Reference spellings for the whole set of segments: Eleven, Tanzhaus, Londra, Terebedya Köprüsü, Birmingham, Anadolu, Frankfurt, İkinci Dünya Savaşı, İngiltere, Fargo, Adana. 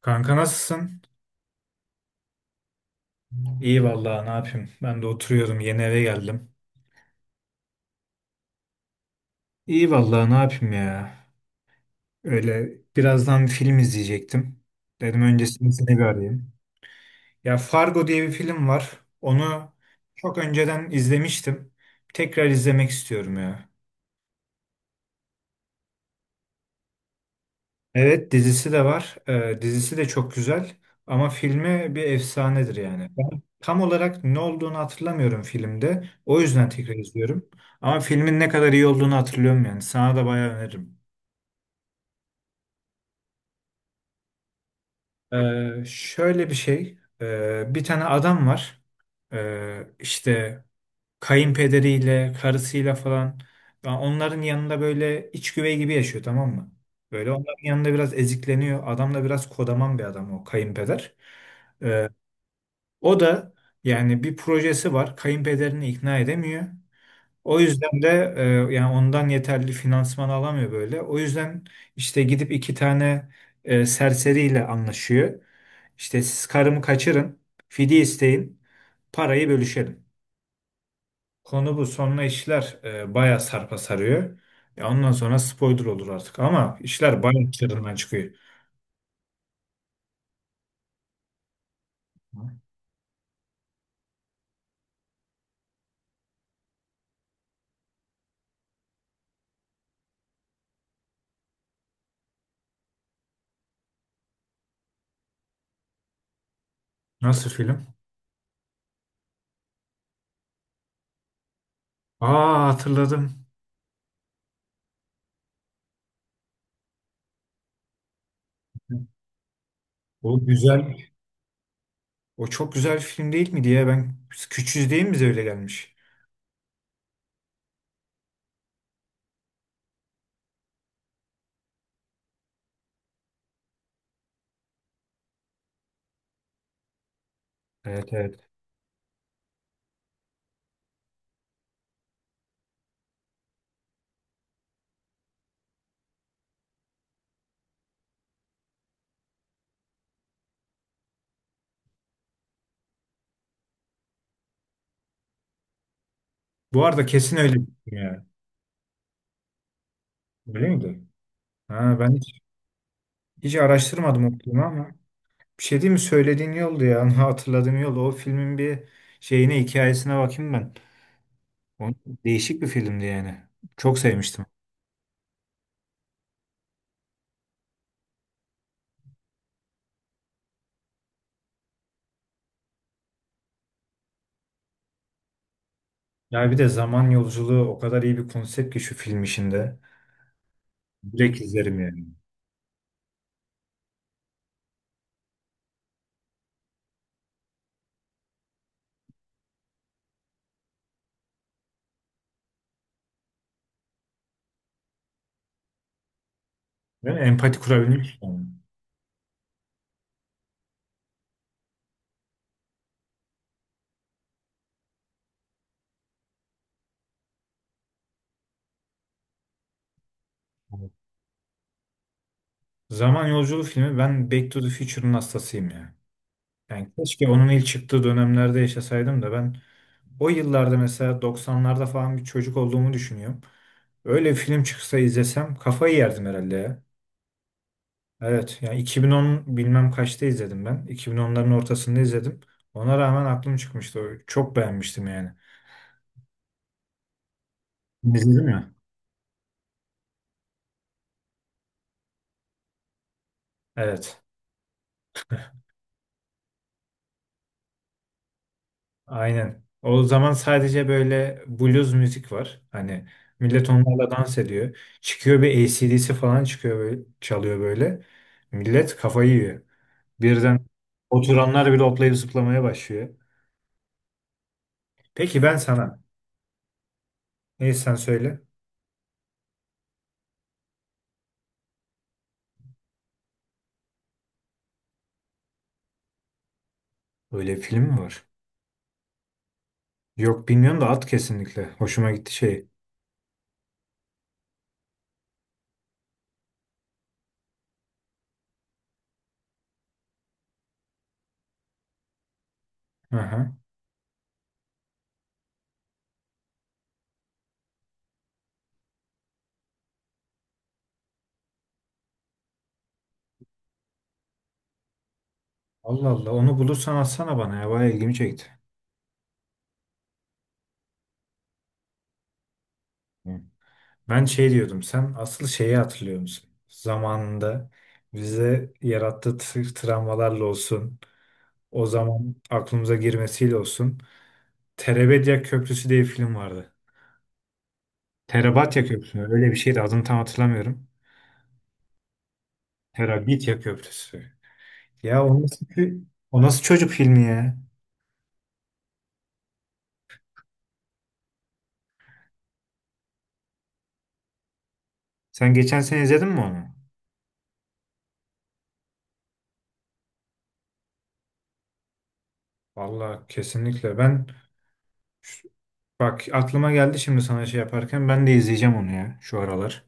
Kanka nasılsın? İyi vallahi ne yapayım? Ben de oturuyordum, yeni eve geldim. İyi vallahi ne yapayım ya? Öyle birazdan bir film izleyecektim. Dedim öncesini seni bir arayayım. Ya Fargo diye bir film var. Onu çok önceden izlemiştim. Tekrar izlemek istiyorum ya. Evet, dizisi de var. Dizisi de çok güzel ama filmi bir efsanedir yani. Ben tam olarak ne olduğunu hatırlamıyorum filmde. O yüzden tekrar izliyorum. Ama filmin ne kadar iyi olduğunu hatırlıyorum yani. Sana da bayağı öneririm. Şöyle bir şey. Bir tane adam var. İşte kayınpederiyle, karısıyla falan. Ya onların yanında böyle iç güvey gibi yaşıyor, tamam mı? Böyle onların yanında biraz ezikleniyor. Adam da biraz kodaman bir adam, o kayınpeder. Ee, O da yani bir projesi var. Kayınpederini ikna edemiyor. O yüzden de yani ondan yeterli finansman alamıyor böyle. O yüzden işte gidip iki tane serseriyle anlaşıyor. İşte siz karımı kaçırın, fidye isteyin, parayı bölüşelim. Konu bu. Sonra işler bayağı sarpa sarıyor. Ya ondan sonra spoiler olur artık ama işler bayağı çığırından çıkıyor. Nasıl film? Aa, hatırladım. O güzel. O çok güzel bir film değil mi diye, ben küçüğüz değil mi, bize öyle gelmiş. Evet, evet. Bu arada kesin öyle bir film yani. Öyle miydi? Ha, Ben hiç araştırmadım o filmi ama bir şey değil mi, söylediğin yoldu ya, hatırladığım yoldu. O filmin bir şeyine, hikayesine bakayım ben. O değişik bir filmdi yani. Çok sevmiştim. Ya bir de zaman yolculuğu o kadar iyi bir konsept ki şu film işinde. Direkt izlerim yani. Değil mi? Empati kurabilmiş yani. Evet. Zaman yolculuğu filmi, ben Back to the Future'ın hastasıyım ya. Yani keşke onun ilk çıktığı dönemlerde yaşasaydım da ben o yıllarda, mesela 90'larda falan bir çocuk olduğumu düşünüyorum. Öyle bir film çıksa izlesem kafayı yerdim herhalde ya. Evet yani 2010 bilmem kaçta izledim ben. 2010'ların ortasında izledim. Ona rağmen aklım çıkmıştı. Çok beğenmiştim yani. İzledin mi? Evet. Aynen. O zaman sadece böyle blues müzik var. Hani millet onlarla dans ediyor. Çıkıyor bir A C/D C D dc falan, çıkıyor böyle, çalıyor böyle. Millet kafayı yiyor. Birden oturanlar bile hoplayıp zıplamaya başlıyor. Peki ben sana. Neyse sen söyle. Öyle film mi var? Yok bilmiyorum da at kesinlikle. Hoşuma gitti şey. Aha. Allah Allah, onu bulursan atsana bana ya. Bayağı ilgimi çekti. Hı. Ben şey diyordum. Sen asıl şeyi hatırlıyor musun? Zamanında bize yarattığı travmalarla olsun, o zaman aklımıza girmesiyle olsun. Terebedya Köprüsü diye bir film vardı. Terabatya Köprüsü mü? Öyle bir şeydi, adını tam hatırlamıyorum. Terabitya Köprüsü. Ya o nasıl, o nasıl çocuk filmi ya? Sen geçen sene izledin mi onu? Vallahi kesinlikle. Ben şu- bak, aklıma geldi şimdi, sana şey yaparken ben de izleyeceğim onu ya şu aralar.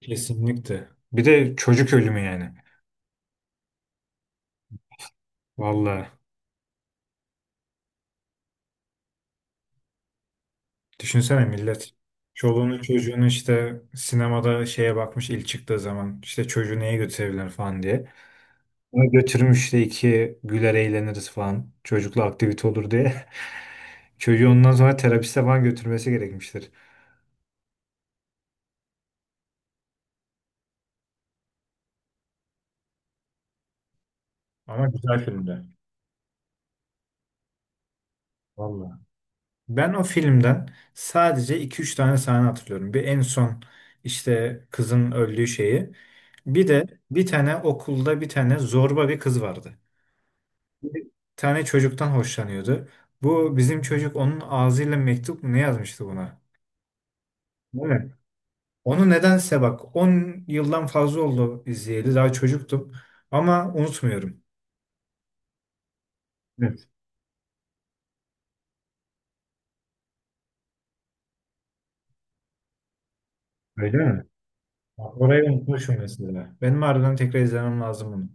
Kesinlikle. Bir de çocuk ölümü yani. Vallahi. Düşünsene, millet çoluğunu çocuğunu işte sinemada şeye bakmış, ilk çıktığı zaman işte çocuğu neye götürebilir falan diye. Ona götürmüş işte, iki güler eğleniriz falan, çocukla aktivite olur diye. Çocuğu ondan sonra terapiste falan götürmesi gerekmiştir. Ama güzel filmde. Valla. Ben o filmden sadece iki üç tane sahne hatırlıyorum. Bir, en son işte kızın öldüğü şeyi. Bir de bir tane okulda bir tane zorba bir kız vardı. Bir tane çocuktan hoşlanıyordu. Bu bizim çocuk onun ağzıyla mektup mu ne yazmıştı buna? Değil mi? Onu nedense, bak, 10 yıldan fazla oldu izleyeli. Daha çocuktum. Ama unutmuyorum. Evet, öyle mi? Bak, orayı unutmuşum mesela. Benim harbiden tekrar izlemem lazım bunu.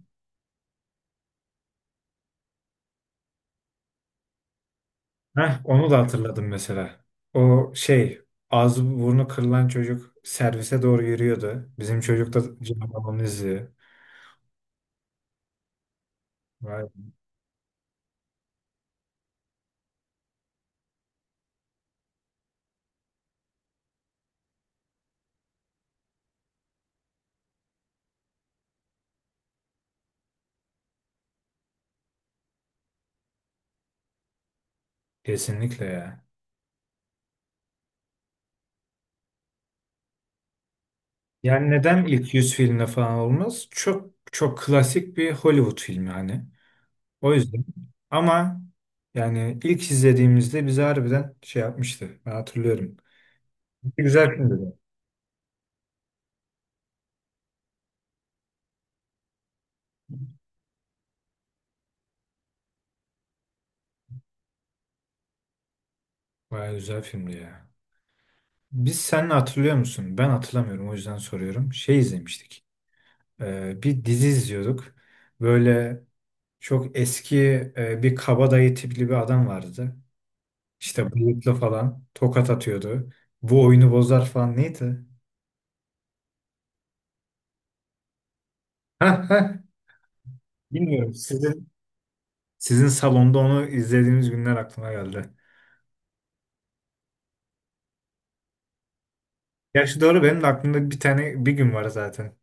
Heh, onu da hatırladım mesela. O şey, ağzı burnu kırılan çocuk servise doğru yürüyordu. Bizim çocuk da canavarını izliyor. Vay, kesinlikle ya. Yani neden ilk 100 filmle falan olmaz? Çok çok klasik bir Hollywood filmi hani. O yüzden. Ama yani ilk izlediğimizde bizi harbiden şey yapmıştı. Ben hatırlıyorum. Güzel filmdi de. Bayağı güzel filmdi ya. Biz seninle hatırlıyor musun? Ben hatırlamıyorum o yüzden soruyorum. Şey izlemiştik. Bir dizi izliyorduk. Böyle çok eski bir kabadayı tipli bir adam vardı. İşte bıyıklı falan tokat atıyordu. Bu oyunu bozar falan, neydi? Hah, hah. Bilmiyorum. Sizin salonda onu izlediğimiz günler aklıma geldi. Gerçi doğru, benim de aklımda bir tane bir gün var zaten.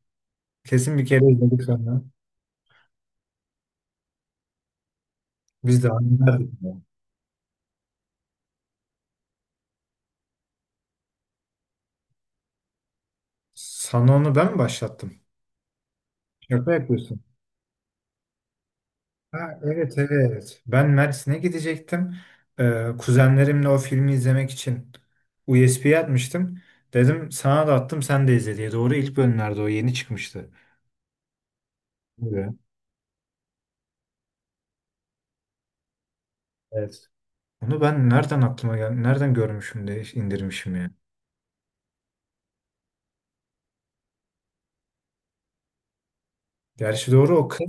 Kesin bir kere izledik sonra. Biz de anlardık ya. Sana onu ben mi başlattım? Şaka yapıyorsun. Ha, evet, evet. Ben Mersin'e gidecektim. Kuzenlerimle o filmi izlemek için USB'ye atmıştım. Dedim sana da attım, sen de izle diye. Doğru, ilk bölümlerde o yeni çıkmıştı. Evet. Evet. Onu ben nereden aklıma gel, nereden görmüşüm de indirmişim ya. Gerçi doğru, o kız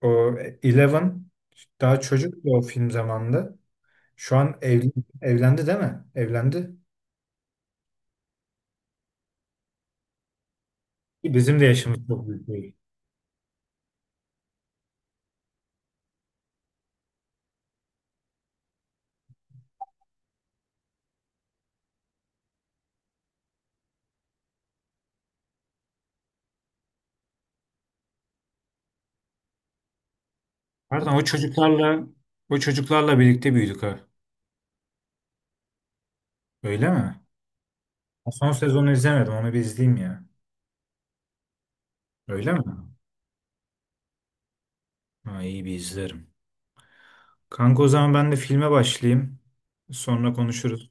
o Eleven daha çocuktu o film zamanında. Şu an evli, evlendi değil mi? Evlendi. Ki bizim de yaşımız çok büyük değil. Pardon, o çocuklarla birlikte büyüdük ha. Öyle mi? Ha, son sezonu izlemedim. Onu bir izleyeyim ya. Öyle mi? Ha, iyi, bir izlerim. Kanka o zaman ben de filme başlayayım. Sonra konuşuruz.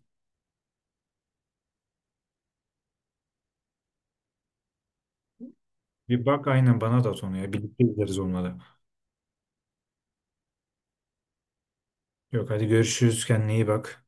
Bir bak aynen, bana da at onu ya. Birlikte izleriz onunla. Yok, hadi görüşürüz. Kendine iyi bak.